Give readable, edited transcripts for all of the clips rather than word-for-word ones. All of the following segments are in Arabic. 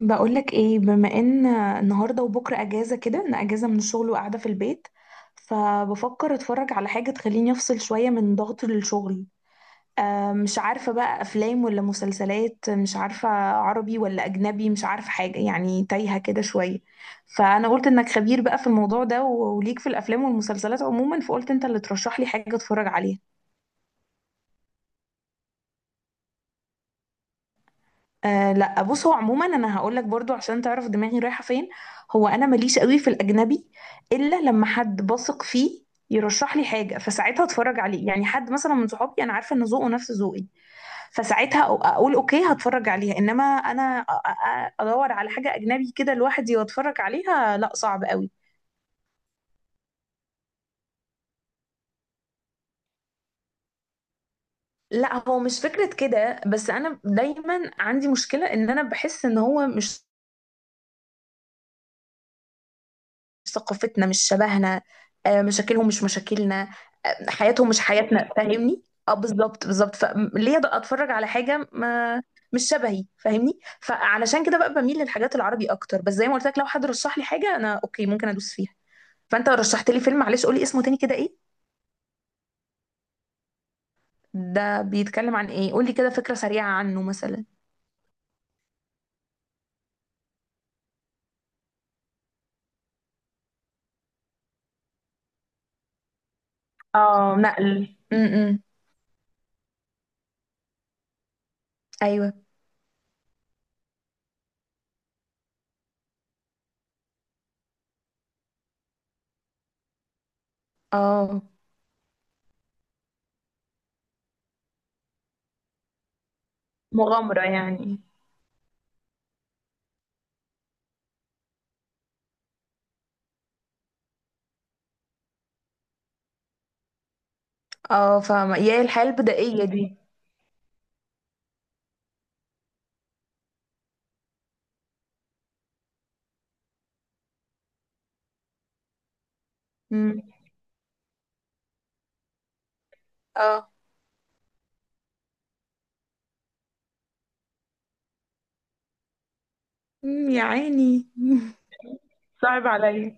بقولك ايه، بما ان النهارده وبكره اجازه كده، انا اجازه من الشغل وقاعده في البيت. فبفكر اتفرج على حاجه تخليني افصل شويه من ضغط الشغل. آه، مش عارفه بقى، افلام ولا مسلسلات؟ مش عارفه. عربي ولا اجنبي؟ مش عارفه حاجه، يعني تايهه كده شويه. فانا قلت انك خبير بقى في الموضوع ده، وليك في الافلام والمسلسلات عموما، فقلت انت اللي ترشح لي حاجه اتفرج عليها. آه لا، بص، هو عموما انا هقول لك برضو عشان تعرف دماغي رايحه فين. هو انا ماليش قوي في الاجنبي الا لما حد بثق فيه يرشح لي حاجه، فساعتها اتفرج عليه. يعني حد مثلا من صحابي انا عارفه ان ذوقه نفس ذوقي، فساعتها اقول اوكي، هتفرج عليها. انما انا ادور على حاجه اجنبي كده لوحدي واتفرج عليها، لا، صعب قوي. لا، هو مش فكرة كده، بس أنا دايما عندي مشكلة، إن أنا بحس إن هو مش ثقافتنا، مش شبهنا. آه، مشاكلهم مش مشاكلنا. آه، حياتهم مش حياتنا، فاهمني. اه بالظبط بالظبط، فليه بقى اتفرج على حاجه ما مش شبهي، فاهمني؟ فعلشان كده بقى بميل للحاجات العربي اكتر، بس زي ما قلت لك لو حد رشح لي حاجه انا اوكي، ممكن ادوس فيها. فانت رشحت لي فيلم، معلش قولي اسمه تاني كده، ايه؟ ده بيتكلم عن ايه؟ قولي كده فكره سريعه عنه مثلا. اه، نقل. ايوه. اه. مغامرة يعني. اه فاهمه، يا الحياه البدائيه دي. امم. اه. يا عيني صعب عليا.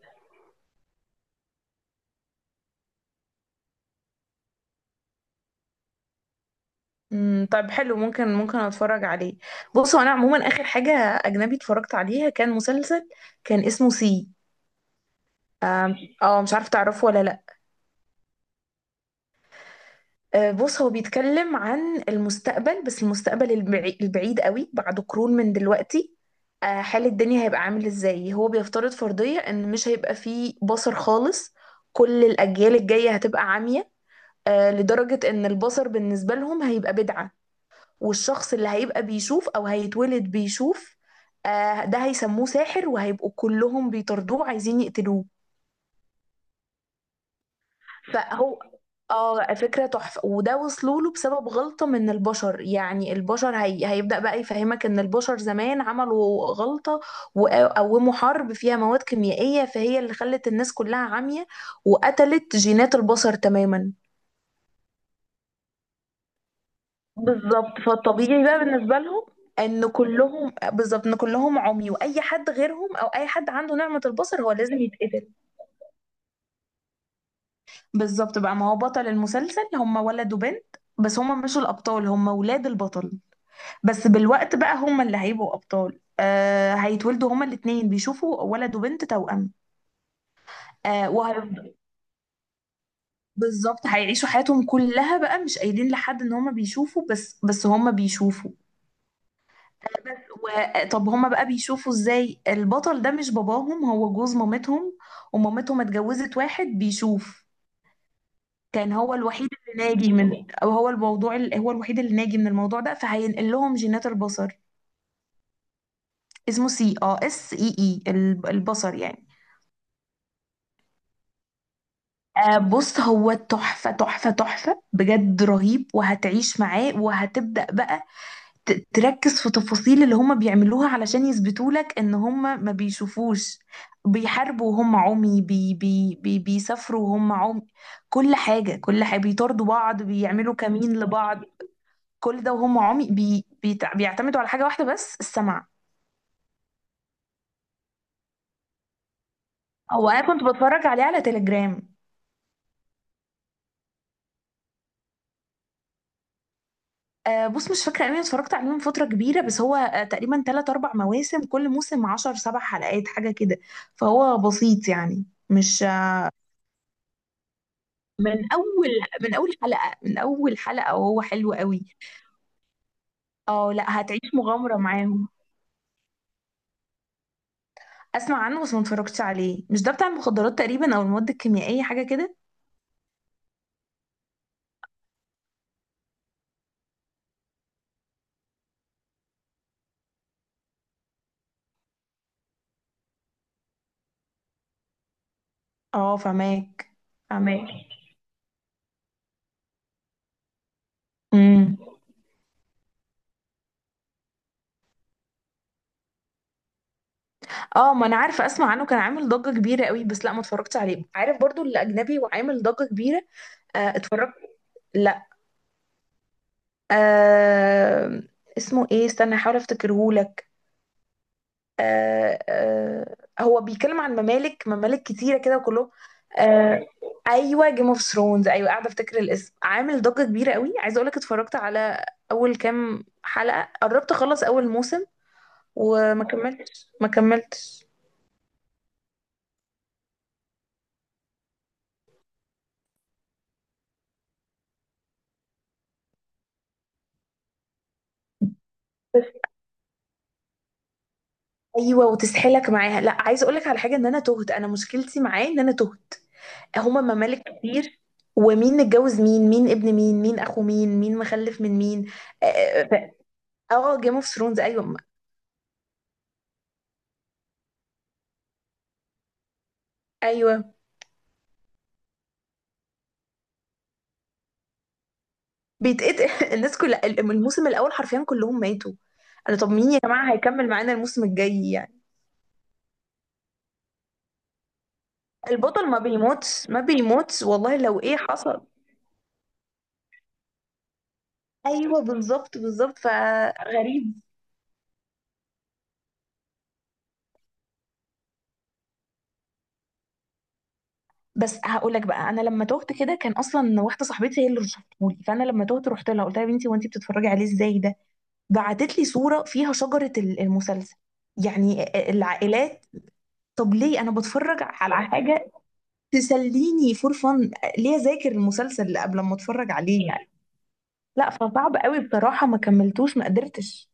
امم، طيب، حلو، ممكن ممكن اتفرج عليه. بصوا، انا عموما اخر حاجه اجنبي اتفرجت عليها كان مسلسل، كان اسمه سي. آم، اه، مش عارفه تعرفه ولا لا. آه، بص، هو بيتكلم عن المستقبل، بس المستقبل البعيد قوي، بعد قرون من دلوقتي. آه، حال الدنيا هيبقى عامل ازاي. هو بيفترض فرضيه ان مش هيبقى فيه بصر خالص. كل الاجيال الجايه هتبقى عمية. آه، لدرجه ان البصر بالنسبه لهم هيبقى بدعه. والشخص اللي هيبقى بيشوف او هيتولد بيشوف، آه، ده هيسموه ساحر، وهيبقوا كلهم بيطاردوه عايزين يقتلوه. فهو، اه فكرة تحفة، وده وصلوا له بسبب غلطة من البشر. يعني البشر هيبدأ بقى يفهمك ان البشر زمان عملوا غلطة، وقوموا حرب فيها مواد كيميائية، فهي اللي خلت الناس كلها عمية، وقتلت جينات البشر تماما. بالظبط، فالطبيعي بقى بالنسبة لهم ان كلهم، بالظبط ان كلهم عمي، واي حد غيرهم او اي حد عنده نعمة البصر هو لازم يتقتل. بالظبط بقى، ما هو بطل المسلسل هم ولد وبنت، بس هم مش الابطال، هم ولاد البطل. بس بالوقت بقى هم اللي هيبقوا ابطال. آه، هيتولدوا هما الاتنين بيشوفوا، ولد وبنت توأم. آه وهيفضل، بالظبط، هيعيشوا حياتهم كلها بقى مش قايلين لحد ان هما بيشوفوا، بس هما بيشوفوا. بس و... طب هما بقى بيشوفوا ازاي؟ البطل ده مش باباهم، هو جوز مامتهم، ومامتهم اتجوزت واحد بيشوف. كان هو الوحيد اللي ناجي من، او هو هو الوحيد اللي ناجي من الموضوع ده، فهينقل لهم جينات البصر. اسمه سي، اه، اس اي اي، البصر يعني. آه بص، هو تحفة تحفة تحفة بجد، رهيب، وهتعيش معاه، وهتبدأ بقى تركز في تفاصيل اللي هم بيعملوها علشان يثبتوا لك ان هم ما بيشوفوش. بيحاربوا وهم عمي، بي بي بي بيسافروا وهم عمي. كل حاجة كل حاجة، بيطاردوا بعض، بيعملوا كمين لبعض. كل ده وهم عمي، بيعتمدوا على حاجة واحدة بس، السمع. هو انا كنت بتفرج عليه على تليجرام. آه بص، مش فاكرة، اني اتفرجت عليه من فترة كبيرة، بس هو آه تقريبا تلات أربع مواسم، كل موسم عشر سبع حلقات حاجة كده. فهو بسيط يعني، مش. من اول، من اول حلقه، من اول حلقه وهو حلو قوي. اه لا، هتعيش مغامره معاهم. اسمع عنه بس ما اتفرجتش عليه. مش ده بتاع المخدرات تقريبا، او المواد الكيميائيه، حاجه كده؟ اه، فماك. فماك. امم. اه، ما انا عارفه، اسمع عنه كان عامل ضجه كبيره قوي، بس لا ما اتفرجتش عليه. عارف برضو اللي اجنبي وعامل ضجه كبيره. آه اتفرجت. لا. آه. اسمه ايه، استنى احاول افتكرهولك. آه آه. هو بيتكلم عن ممالك، ممالك كتيرة كده، وكلهم. آه. ايوه، جيم اوف ثرونز، ايوه، قاعده افتكر الاسم. عامل ضجه كبيره قوي. عايزه اقولك اتفرجت على اول كام حلقه، قربت اخلص اول موسم، وما كملتش، ما كملتش. بس. ايوه، وتسحلك معاها. لا، عايزه اقولك على حاجه، ان انا تهت، انا مشكلتي معاه ان انا تهت. هما ممالك كتير، ومين متجوز مين، مين ابن مين، مين اخو مين، مين مخلف من مين. اه، جيم اوف ثرونز، ايوه. ايوه. بيتقطع الناس كلها من الموسم الاول حرفيا كلهم ماتوا. انا، طب مين يا جماعه هيكمل معانا الموسم الجاي يعني؟ البطل ما بيموتش، ما بيموتش والله، لو ايه حصل. ايوه بالظبط بالظبط، فغريب. بس هقول لك بقى، انا لما تهت كده كان اصلا واحده صاحبتي هي اللي رشحتهولي، فانا لما تهت رحت لها قلت لها: يا بنتي، هو انت بتتفرجي عليه ازاي ده؟ بعتت لي صوره فيها شجره المسلسل، يعني، العائلات. طب ليه انا بتفرج على حاجه تسليني فور فن؟ ليه اذاكر المسلسل قبل ما اتفرج عليه يعني؟ لا، فصعب قوي بصراحة، ما كملتوش، ما قدرتش.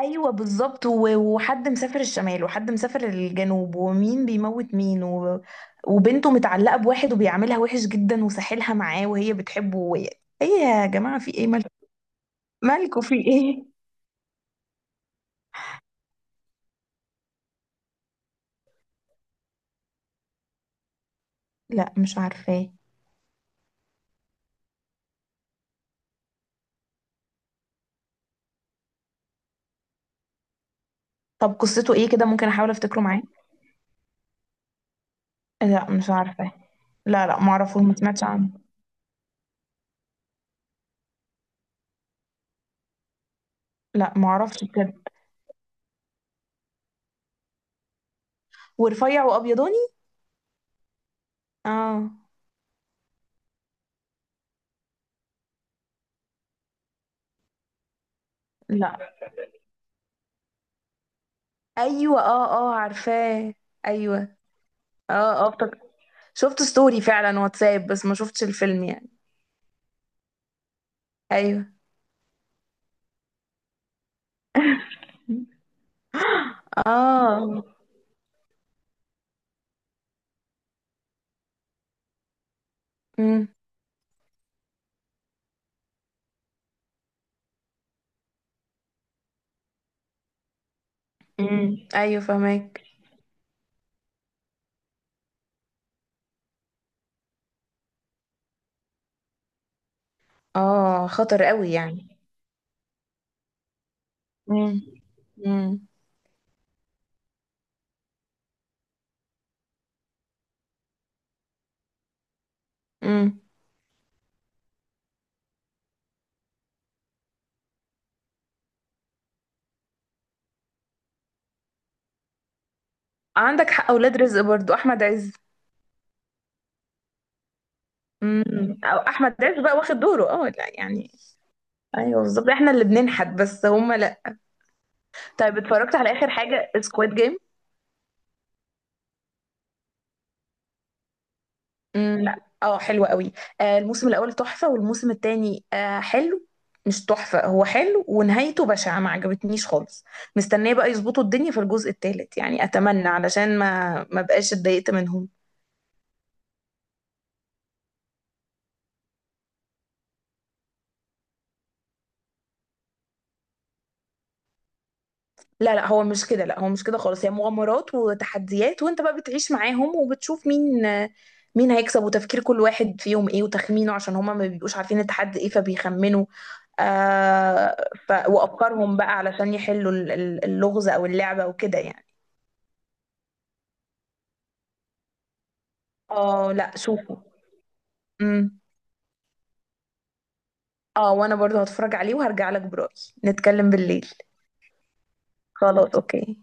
ايوه بالظبط، وحد مسافر الشمال وحد مسافر الجنوب، ومين بيموت مين، و... وبنته متعلقة بواحد وبيعاملها وحش جدا وساحلها معاه وهي بتحبه وهي... ايه يا جماعة، في ايه، مالكم؟ مالكوا في ايه؟ لا، مش عارفاه. طب قصته ايه كده، ممكن احاول افتكره معاه. لا، مش عارفاه. لا لا، معرفوش، ما سمعتش عنه. لا، معرفش بجد. ورفيع وابيضاني. اه. لا. ايوه اه اه، عارفاه. ايوه. اه اه افتكرت، شفت ستوري فعلا واتساب، بس ما شفتش الفيلم يعني. ايوه اه. امم. ايوه، فهمك. اه، خطر قوي يعني. امم. امم. امم. عندك حق، اولاد رزق برضو، احمد عز. امم. او احمد عز بقى واخد دوره، اه لا يعني. ايوه بالظبط، احنا اللي بننحت بس هما لا. طيب، اتفرجت على اخر حاجه سكواد جيم. امم. لا. اه، حلو قوي. آه، الموسم الاول تحفه، والموسم التاني آه حلو، مش تحفه، هو حلو ونهايته بشعه، ما عجبتنيش خالص. مستنيه بقى يظبطوا الدنيا في الجزء التالت يعني، اتمنى، علشان ما بقاش اتضايقت منهم. لا لا، هو مش كده، لا هو مش كده خالص. هي مغامرات وتحديات، وانت بقى بتعيش معاهم وبتشوف مين، مين هيكسب، وتفكير كل واحد فيهم ايه، وتخمينه، عشان هما ما بيبقوش عارفين التحدي ايه، فبيخمنوا. آه، وافكارهم بقى علشان يحلوا اللغز او اللعبة وكده يعني. اه لا، شوفه. امم. اه، وانا برضو هتفرج عليه وهرجع لك برأيي. نتكلم بالليل. خلاص اوكي.